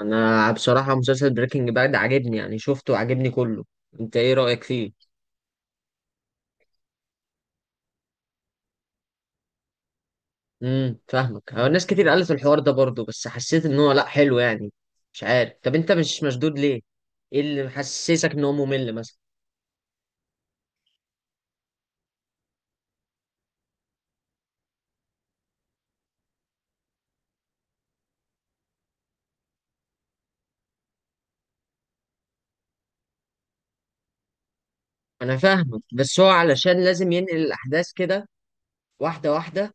انا بصراحة مسلسل بريكنج باد عاجبني يعني شفته وعاجبني كله. انت ايه رأيك فيه؟ فاهمك، هو ناس كتير قالت الحوار ده برضه، بس حسيت ان هو لا حلو يعني. مش عارف، طب انت مش مشدود ليه؟ ايه اللي محسسك ان هو ممل مثلا؟ انا فاهمك، بس هو علشان لازم ينقل الاحداث كده واحدة واحدة.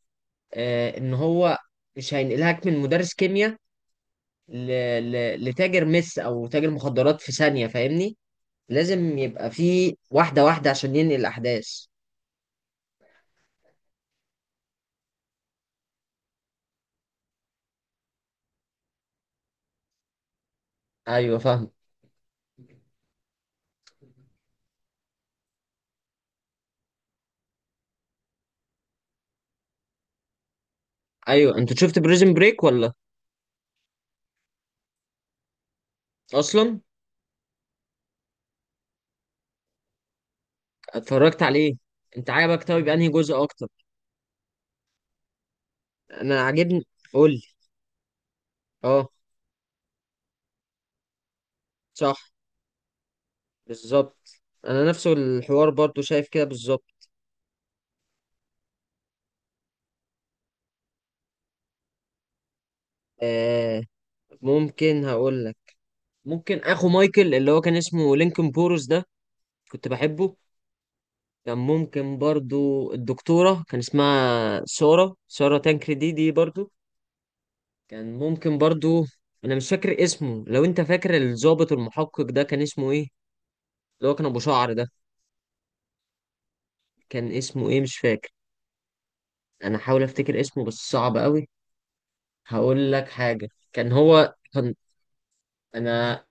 آه، ان هو مش هينقلهاك من مدرس كيمياء ل... لتاجر مس او تاجر مخدرات في ثانية، فاهمني؟ لازم يبقى فيه واحدة واحدة عشان ينقل الاحداث. ايوه فاهم. ايوه، انت شفت بريزن بريك ولا؟ اصلا اتفرجت عليه. انت عجبك؟ طيب انهي جزء اكتر؟ انا عاجبني. قول لي. اه. صح، بالظبط. انا نفس الحوار برضو شايف كده بالظبط. آه، ممكن هقول لك. ممكن اخو مايكل اللي هو كان اسمه لينكن بورس ده، كنت بحبه. كان ممكن برضو الدكتورة كان اسمها سارة تانكري دي برضو، كان ممكن برضو. انا مش فاكر اسمه، لو انت فاكر، الضابط المحقق ده كان اسمه ايه؟ اللي هو كان ابو شعر ده، كان اسمه ايه مش فاكر. انا حاول افتكر اسمه بس صعب قوي. هقول لك حاجة، كان هو كان انا،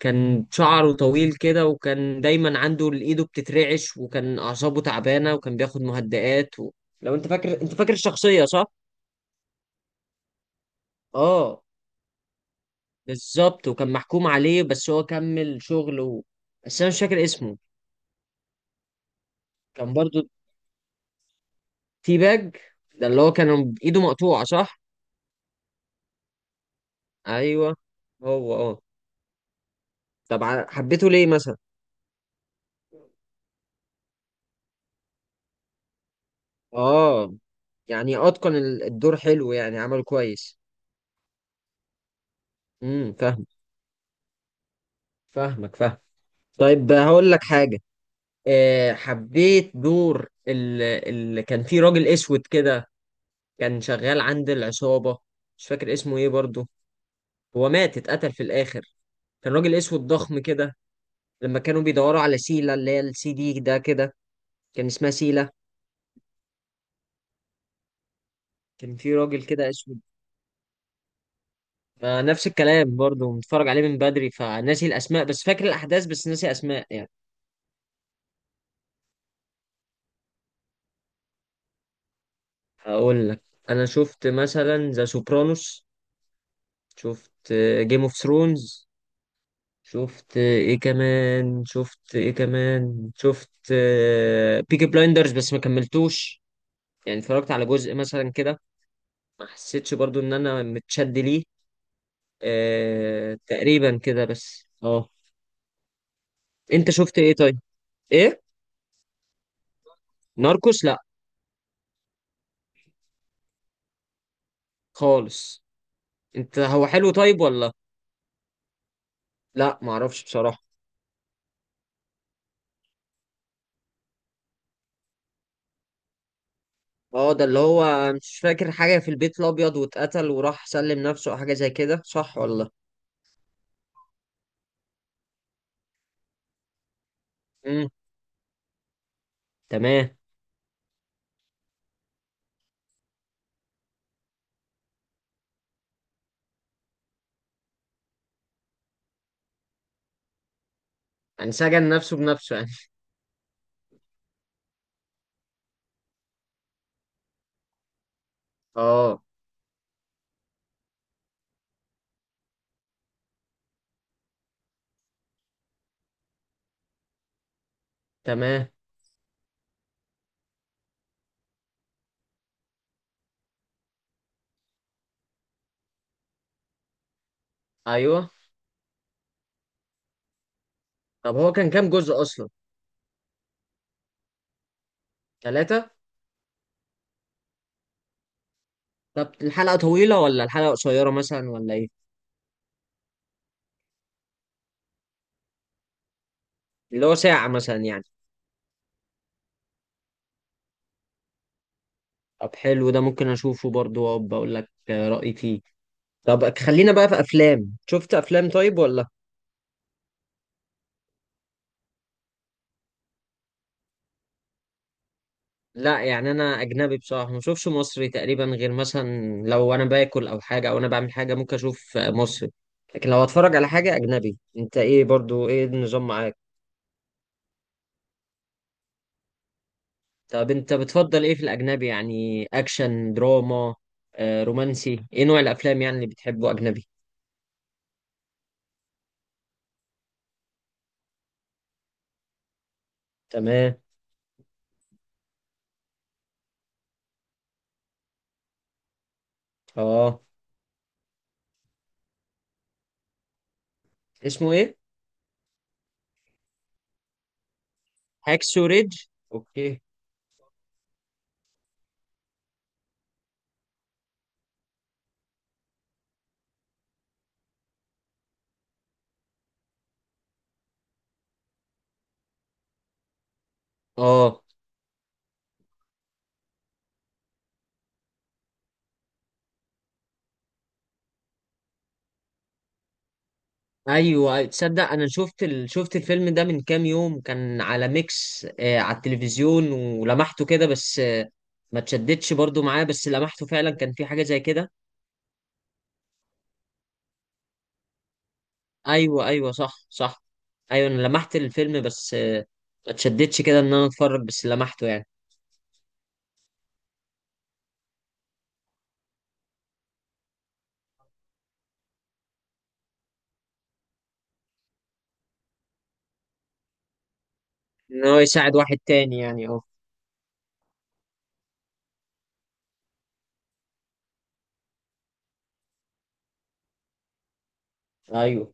كان شعره طويل كده، وكان دايما عنده ايده بتترعش، وكان اعصابه تعبانة وكان بياخد مهدئات و... لو انت فاكر، انت فاكر الشخصية صح؟ اه بالظبط، وكان محكوم عليه بس هو كمل شغل و... بس انا مش فاكر اسمه. كان برضو تي باج ده اللي هو كان ايده مقطوعة صح؟ ايوه. هو اه. طب حبيته ليه مثلا؟ اه يعني اتقن الدور حلو، يعني عمل كويس. فاهم. فاهمك فاهم. طيب هقول لك حاجه، أه حبيت دور اللي كان فيه راجل اسود كده، كان شغال عند العصابه. مش فاكر اسمه ايه برضو. هو مات، اتقتل في الاخر. كان راجل اسود ضخم كده، لما كانوا بيدوروا على سيلا اللي هي السي دي ده كده. كان اسمها سيلا. كان في راجل كده اسود. ما نفس الكلام برضو، متفرج عليه من بدري فناسي الاسماء، بس فاكر الاحداث بس ناسي اسماء يعني. هقول لك، انا شفت مثلا ذا سوبرانوس، شفت جيم اوف ثرونز، شفت ايه كمان، شفت ايه كمان، شفت بيكي بلايندرز بس ما كملتوش، يعني اتفرجت على جزء مثلا كده، ما حسيتش برضو ان انا متشد ليه. آه تقريبا كده، بس اه. انت شفت ايه طيب؟ ايه؟ ناركوس، لا. خالص. انت هو حلو طيب ولا؟ لا معرفش بصراحة. اه، ده اللي هو مش فاكر حاجة في البيت الأبيض واتقتل وراح سلم نفسه أو حاجة زي كده، صح ولا؟ امم تمام. يعني سجن نفسه بنفسه يعني؟ اه تمام. أيوه. طب هو كان كام جزء أصلا؟ 3؟ طب الحلقة طويلة ولا الحلقة قصيرة مثلا، ولا إيه؟ اللي هو ساعة مثلا يعني؟ طب حلو، ده ممكن أشوفه برضه وأبقى أقول لك آه، رأيي فيه. طب خلينا بقى في أفلام. شفت أفلام طيب ولا؟ لا يعني انا اجنبي بصراحه، ما بشوفش مصري تقريبا، غير مثلا لو انا باكل او حاجه، او انا بعمل حاجه ممكن اشوف مصري. لكن لو اتفرج على حاجه اجنبي. انت ايه برضو، ايه النظام معاك؟ طب انت بتفضل ايه في الاجنبي؟ يعني اكشن، دراما، آه، رومانسي، ايه نوع الافلام يعني اللي بتحبه اجنبي؟ تمام. اه. اسمه ايه؟ هاكسو ريدج. اوكي. اه. ايوه تصدق، انا شفت شفت الفيلم ده من كام يوم، كان على ميكس آه، على التلفزيون، ولمحته كده بس آه، ما تشدتش برضو معاه، بس لمحته فعلا كان في حاجه زي كده. ايوه ايوه، صح صح. ايوه انا لمحت الفيلم، بس آه ما تشدتش كده ان انا اتفرج، بس لمحته يعني. ان هو يساعد واحد تاني يعني اه. ايوه.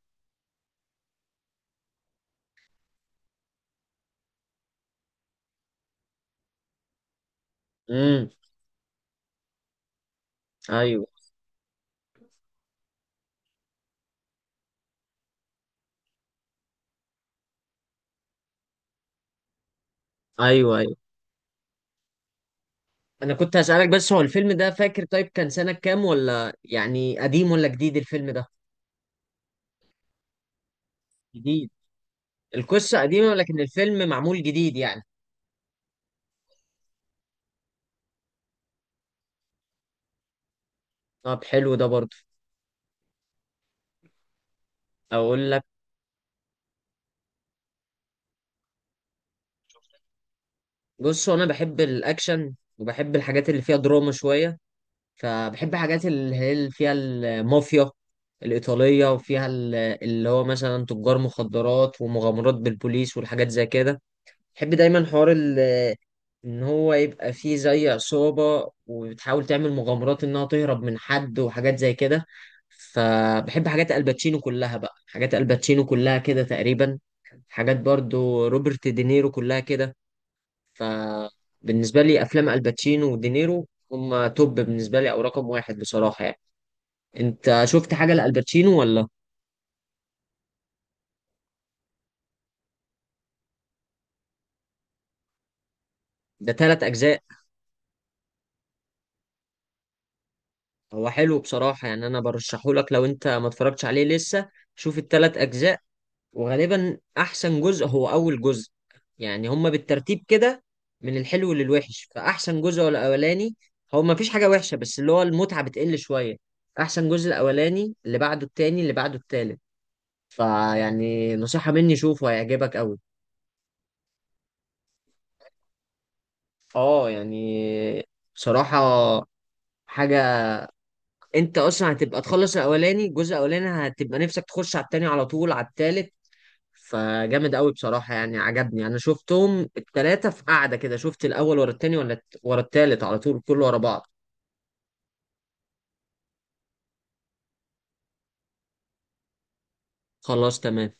امم ايوه ايوه ايوه. انا كنت هسألك بس، هو الفيلم ده فاكر طيب كان سنه كام؟ ولا يعني قديم ولا جديد الفيلم ده؟ جديد. القصة قديمة لكن الفيلم معمول جديد يعني. طب حلو ده برضه. أقول لك. بص هو أنا بحب الأكشن، وبحب الحاجات اللي فيها دراما شوية، فبحب حاجات اللي هي اللي فيها المافيا الإيطالية، وفيها اللي هو مثلا تجار مخدرات ومغامرات بالبوليس والحاجات زي كده. بحب دايما حوار ال ان هو يبقى فيه زي عصابة، وبتحاول تعمل مغامرات انها تهرب من حد وحاجات زي كده. فبحب حاجات الباتشينو كلها بقى، حاجات الباتشينو كلها كده تقريبا، حاجات برضو روبرت دينيرو كلها كده. فبالنسبة لي افلام الباتشينو ودينيرو هما توب بالنسبة لي، او رقم واحد بصراحة يعني. انت شفت حاجة لالباتشينو ولا؟ ده 3 اجزاء. هو حلو بصراحة يعني، انا برشحهولك لو انت ما اتفرجتش عليه لسه. شوف ال3 اجزاء، وغالبا احسن جزء هو اول جزء، يعني هما بالترتيب كده من الحلو للوحش، فاحسن جزء هو الاولاني. هو ما فيش حاجه وحشه، بس اللي هو المتعه بتقل شويه. احسن جزء الاولاني، اللي بعده التاني، اللي بعده التالت. فيعني نصيحه مني، شوفه هيعجبك قوي. اه يعني، بصراحه حاجه، انت اصلا هتبقى تخلص الاولاني، الجزء الاولاني هتبقى نفسك تخش على التاني على طول، على التالت. فجامد قوي بصراحة يعني، عجبني، أنا شفتهم التلاتة في قعدة كده، شفت الأول ورا التاني ولا ورا التالت على طول كله ورا بعض. خلاص تمام.